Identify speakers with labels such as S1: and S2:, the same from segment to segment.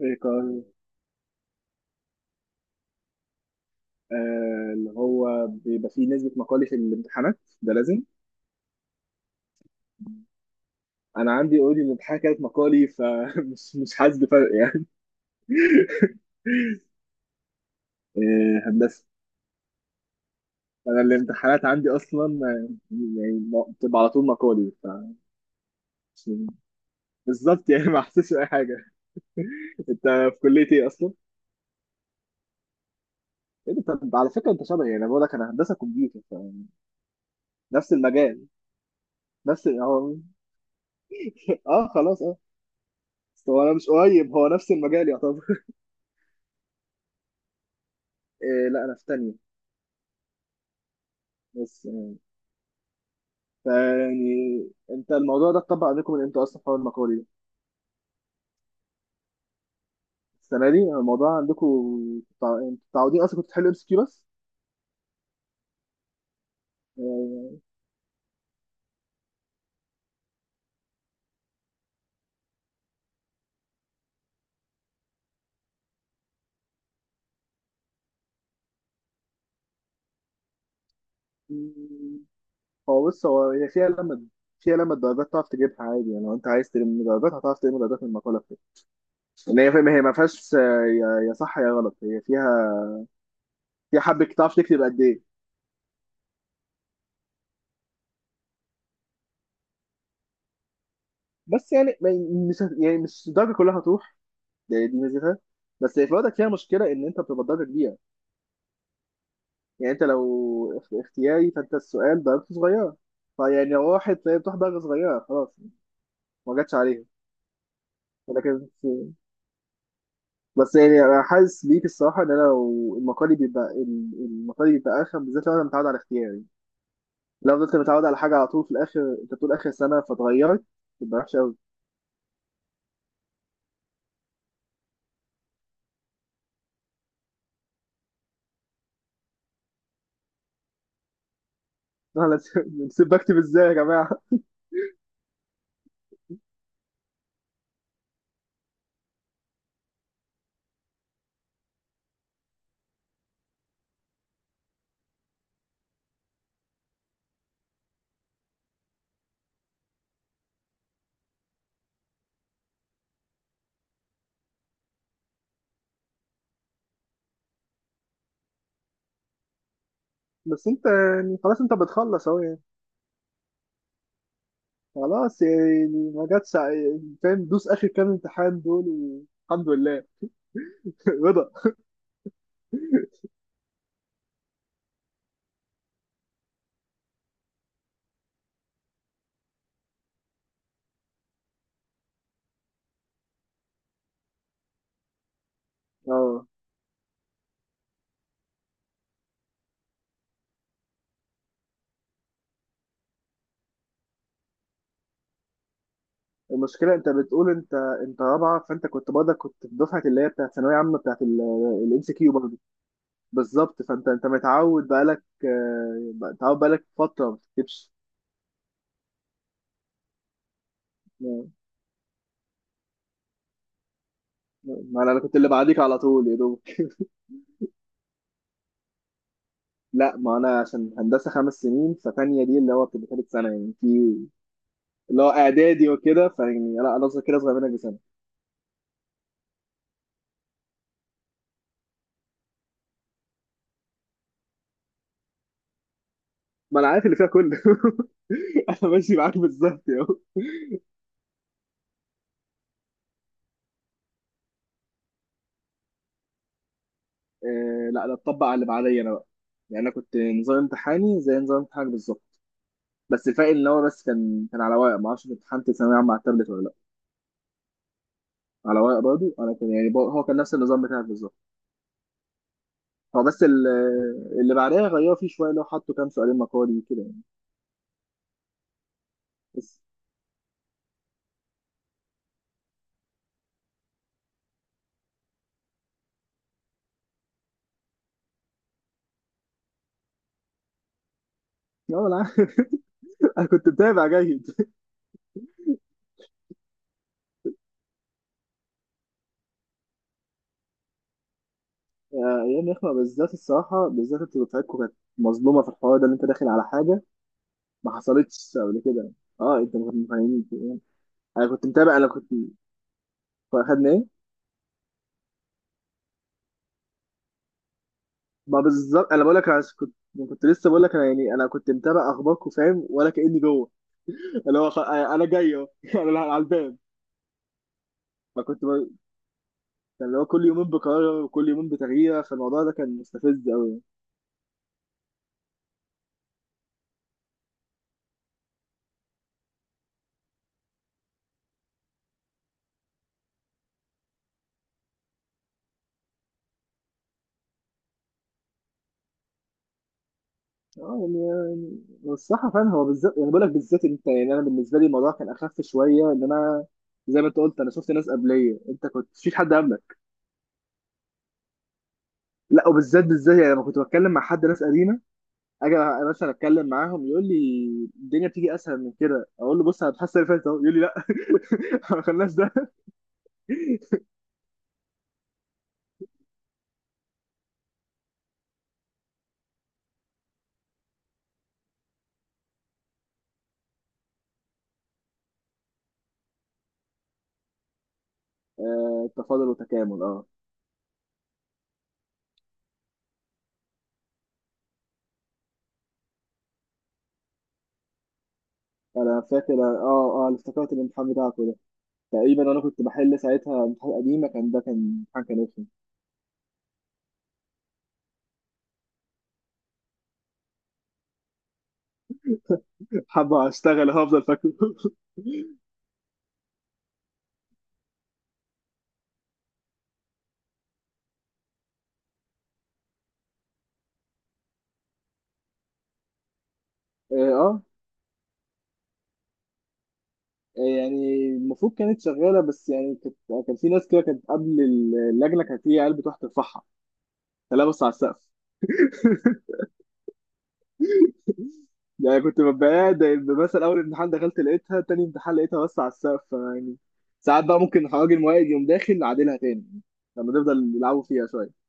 S1: ايقاعي. اللي هو بيبقى فيه نسبة مقالي في الامتحانات، ده لازم. انا عندي اوريدي الامتحان كانت مقالي، فمش مش حاسس بفرق يعني. آه، هندسة. انا الامتحانات عندي اصلا، يعني بتبقى على طول مقالي ف... بالظبط يعني ما حسيتش باي حاجة. انت في كلية ايه اصلا؟ إيه ده؟ طب على فكرة انت شبهي، يعني بقول لك انا هندسة كمبيوتر، فنفس المجال. نفس هو. اه خلاص اه. بس هو انا مش قريب، هو نفس المجال يعتبر إيه، لا انا في تانية بس. فيعني انت الموضوع ده اتطبق عندكم من امتى اصلا، حوار المقالي ده؟ السنه دي الموضوع عندكم. انتوا متعودين اصلا كنتوا تحلوا MCQ بس. آه، هو بص، هي فيها لما الدرجات تعرف تجيبها عادي. يعني لو انت عايز تلم درجات، هتعرف تلم درجات من المقاله بتاعتك. ان هي فاهم، هي ما فيهاش يا صح يا غلط، هي فيها حبه تعرف تكتب قد ايه. بس يعني مش يعني مش الدرجه كلها هتروح، دي ميزتها. بس هي في الوقت فيها مشكله ان انت بتبقى درجه كبيره. يعني انت لو اختياري، فانت السؤال درجته صغيره، فيعني لو راحت، فهي بتروح درجه صغيره خلاص، ما جاتش عليها. ولكن... بس يعني انا حاسس بيك الصراحه، ان انا لو المقالي بيبقى المقالي بيبقى ارخم، بالذات لو انا متعود على اختياري. لو فضلت متعود على حاجه على طول، في الاخر انت بتقول اخر سنه فتغيرت، تبقى وحشه قوي. انا نسيب بكتب ازاي يا جماعه؟ بس انت يعني خلاص، انت بتخلص اهو يعني. خلاص يعني ما جاتش فاهم، دوس اخر كام امتحان دول والحمد لله. رضا. اه، المشكله انت بتقول انت رابعه، فانت كنت برضه كنت في دفعه اللي هي بتاعت ثانويه عامه، بتاعت الـMCQ برضه. بالظبط، فانت متعود بقالك متعود بقالك فتره ما بتكتبش. ما... ما انا كنت اللي بعديك على طول يا دوب لا ما انا عشان هندسه 5 سنين، فتانية دي اللي هو بتبقى ثالث سنه يعني، في اللي هو اعدادي وكده، فيعني لا انا اصلا كده صغير منك بسنه. ما انا عارف اللي فيها كله. انا ماشي معاك بالظبط يا هو. آه، لا ده اتطبق على اللي بعدي انا بقى. يعني انا كنت نظام امتحاني زي نظام امتحانك بالظبط. بس الفرق ان هو بس كان على ورق، ما اعرفش امتحنت ثانويه عامه على التابلت ولا لا. على ورق برضه انا، كان يعني هو كان نفس النظام بتاعك بالظبط. هو بس ال- اللي بعدها غيروا فيه شويه، لو حطوا كام سؤالين مقالي كده يعني. بس اه انا عارف. انا كنت متابع جيد. ايام يخمه بالذات، الصراحه بالذات انتوا دفعتكم كانت مظلومه في الحوار ده، اللي انت داخل على حاجه ما حصلتش قبل كده. اه انت ما كنتش فاهمين يعني. انا كنت متابع، انا كنت اخدنا ايه؟ ما بالظبط، انا بقول لك أنا كنت لسه بقول لك انا يعني كنت متابع اخباركم، فاهم ولا كاني جوه. اللي هو انا جاي اهو انا على الباب. فكنت ب... كان اللي هو كل يومين بقرار وكل يومين بتغيير، فالموضوع ده كان مستفز قوي. اه، يعني الصراحه فعلا هو بالذات، يعني بقول لك بالذات انت، يعني انا بالنسبه لي الموضوع كان اخف شويه، ان انا زي ما انت قلت، انا شفت ناس قبليه، انت كنت مفيش حد قبلك. لا وبالذات بالذات يعني لما كنت بتكلم مع حد، ناس قديمه، اجي مثلا اتكلم معاهم، يقول لي الدنيا بتيجي اسهل من كده، اقول له بص انا بحس اللي فاتت اهو، يقول لي لا ما خلناش ده. آه، تفاضل وتكامل اه. انا فاكر، اه اه انا افتكرت الامتحان بتاعكم ده، تقريبا انا كنت بحل ساعتها امتحان قديمه، كان ده كان امتحان كان رخم. حابه اشتغل هفضل فاكره اه، يعني المفروض كانت شغاله، بس يعني كانت كان في ناس كده كانت قبل، اللجنه كانت، هي عيال بتروح ترفعها، تلبس على السقف يعني. كنت ببقى قاعد مثلا، اول امتحان دخلت لقيتها، تاني امتحان لقيتها بس على السقف يعني. ساعات بقى ممكن راجل موائد يقوم داخل نعدلها تاني، لما نفضل نلعبوا فيها شويه.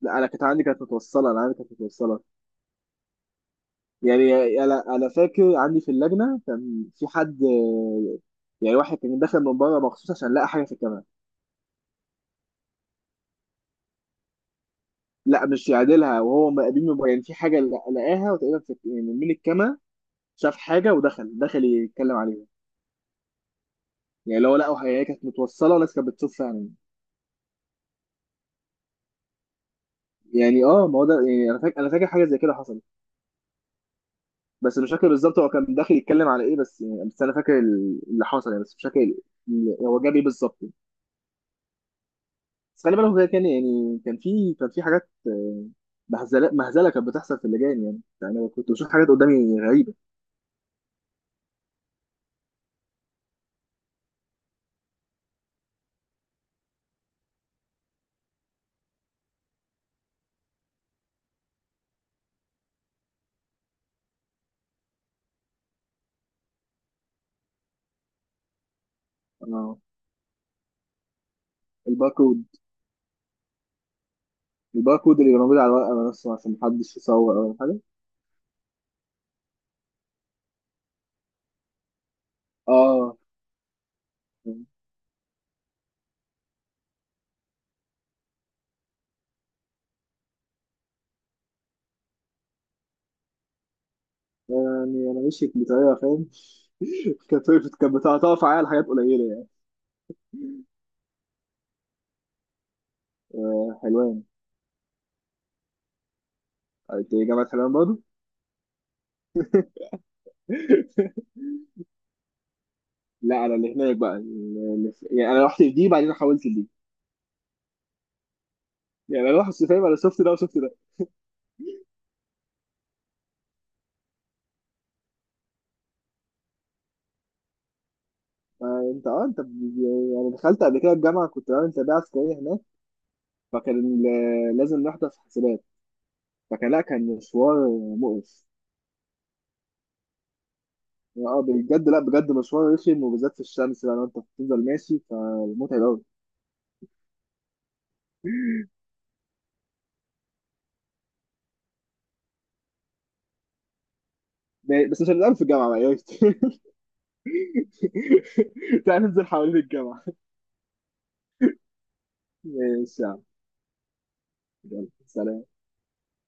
S1: لا انا كانت عندي كانت متوصله، انا عندي كانت متوصله يعني. انا فاكر عندي في اللجنه كان في حد، يعني واحد كان داخل من بره مخصوص عشان لقى حاجه في الكاميرا. لا مش يعدلها وهو مقابل من بره، يعني في حاجه لقاها، وتقريبا يعني من الكاميرا شاف حاجه، ودخل يتكلم عليها. يعني لو لقوا، هي كانت متوصله والناس كانت بتشوف فعلا يعني. اه ما هو ده يعني، انا فاكر حاجه زي كده حصلت. بس مش فاكر بالظبط هو كان داخل يتكلم على ايه، بس يعني بس انا فاكر اللي حصل يعني، بس مش فاكر هو جاب ايه بالظبط. بس خلي بالك هو كده كان يعني، كان في حاجات، مهزله مهزله كانت بتحصل في اللجان يعني. أنا كنت بشوف حاجات قدامي غريبه. اه، الباركود. الباركود اللي كان موجود على الورقه نفسه عشان محدش يصور او حاجه. اه يعني انا مشيت بطريقه فاهم كانت وقفت، كانت بتقطع عليا حاجات قليله يعني. آه، حلوان. انت إيه، جامعه حلوان برضه؟ لا انا اللي هناك بقى، يعني انا رحت دي بعدين حولت لدي. يعني انا رحت، فاهم، انا شفت ده وشفت ده. انت اه انت ب- يعني دخلت قبل كده الجامعه، كنت بعمل تربيه عسكريه هناك، فكان لازم نحضر حسابات، فكان، لا كان مشوار مقرف. اه بجد، لا بجد مشوار رخم، وبالذات في الشمس بقى، لو انت بتفضل ماشي فمتعب قوي. بس مش هنلعب في الجامعه بقى يا ريت. تعال ننزل حوالين الجامعه. ماشي يا عم. يلا سلام.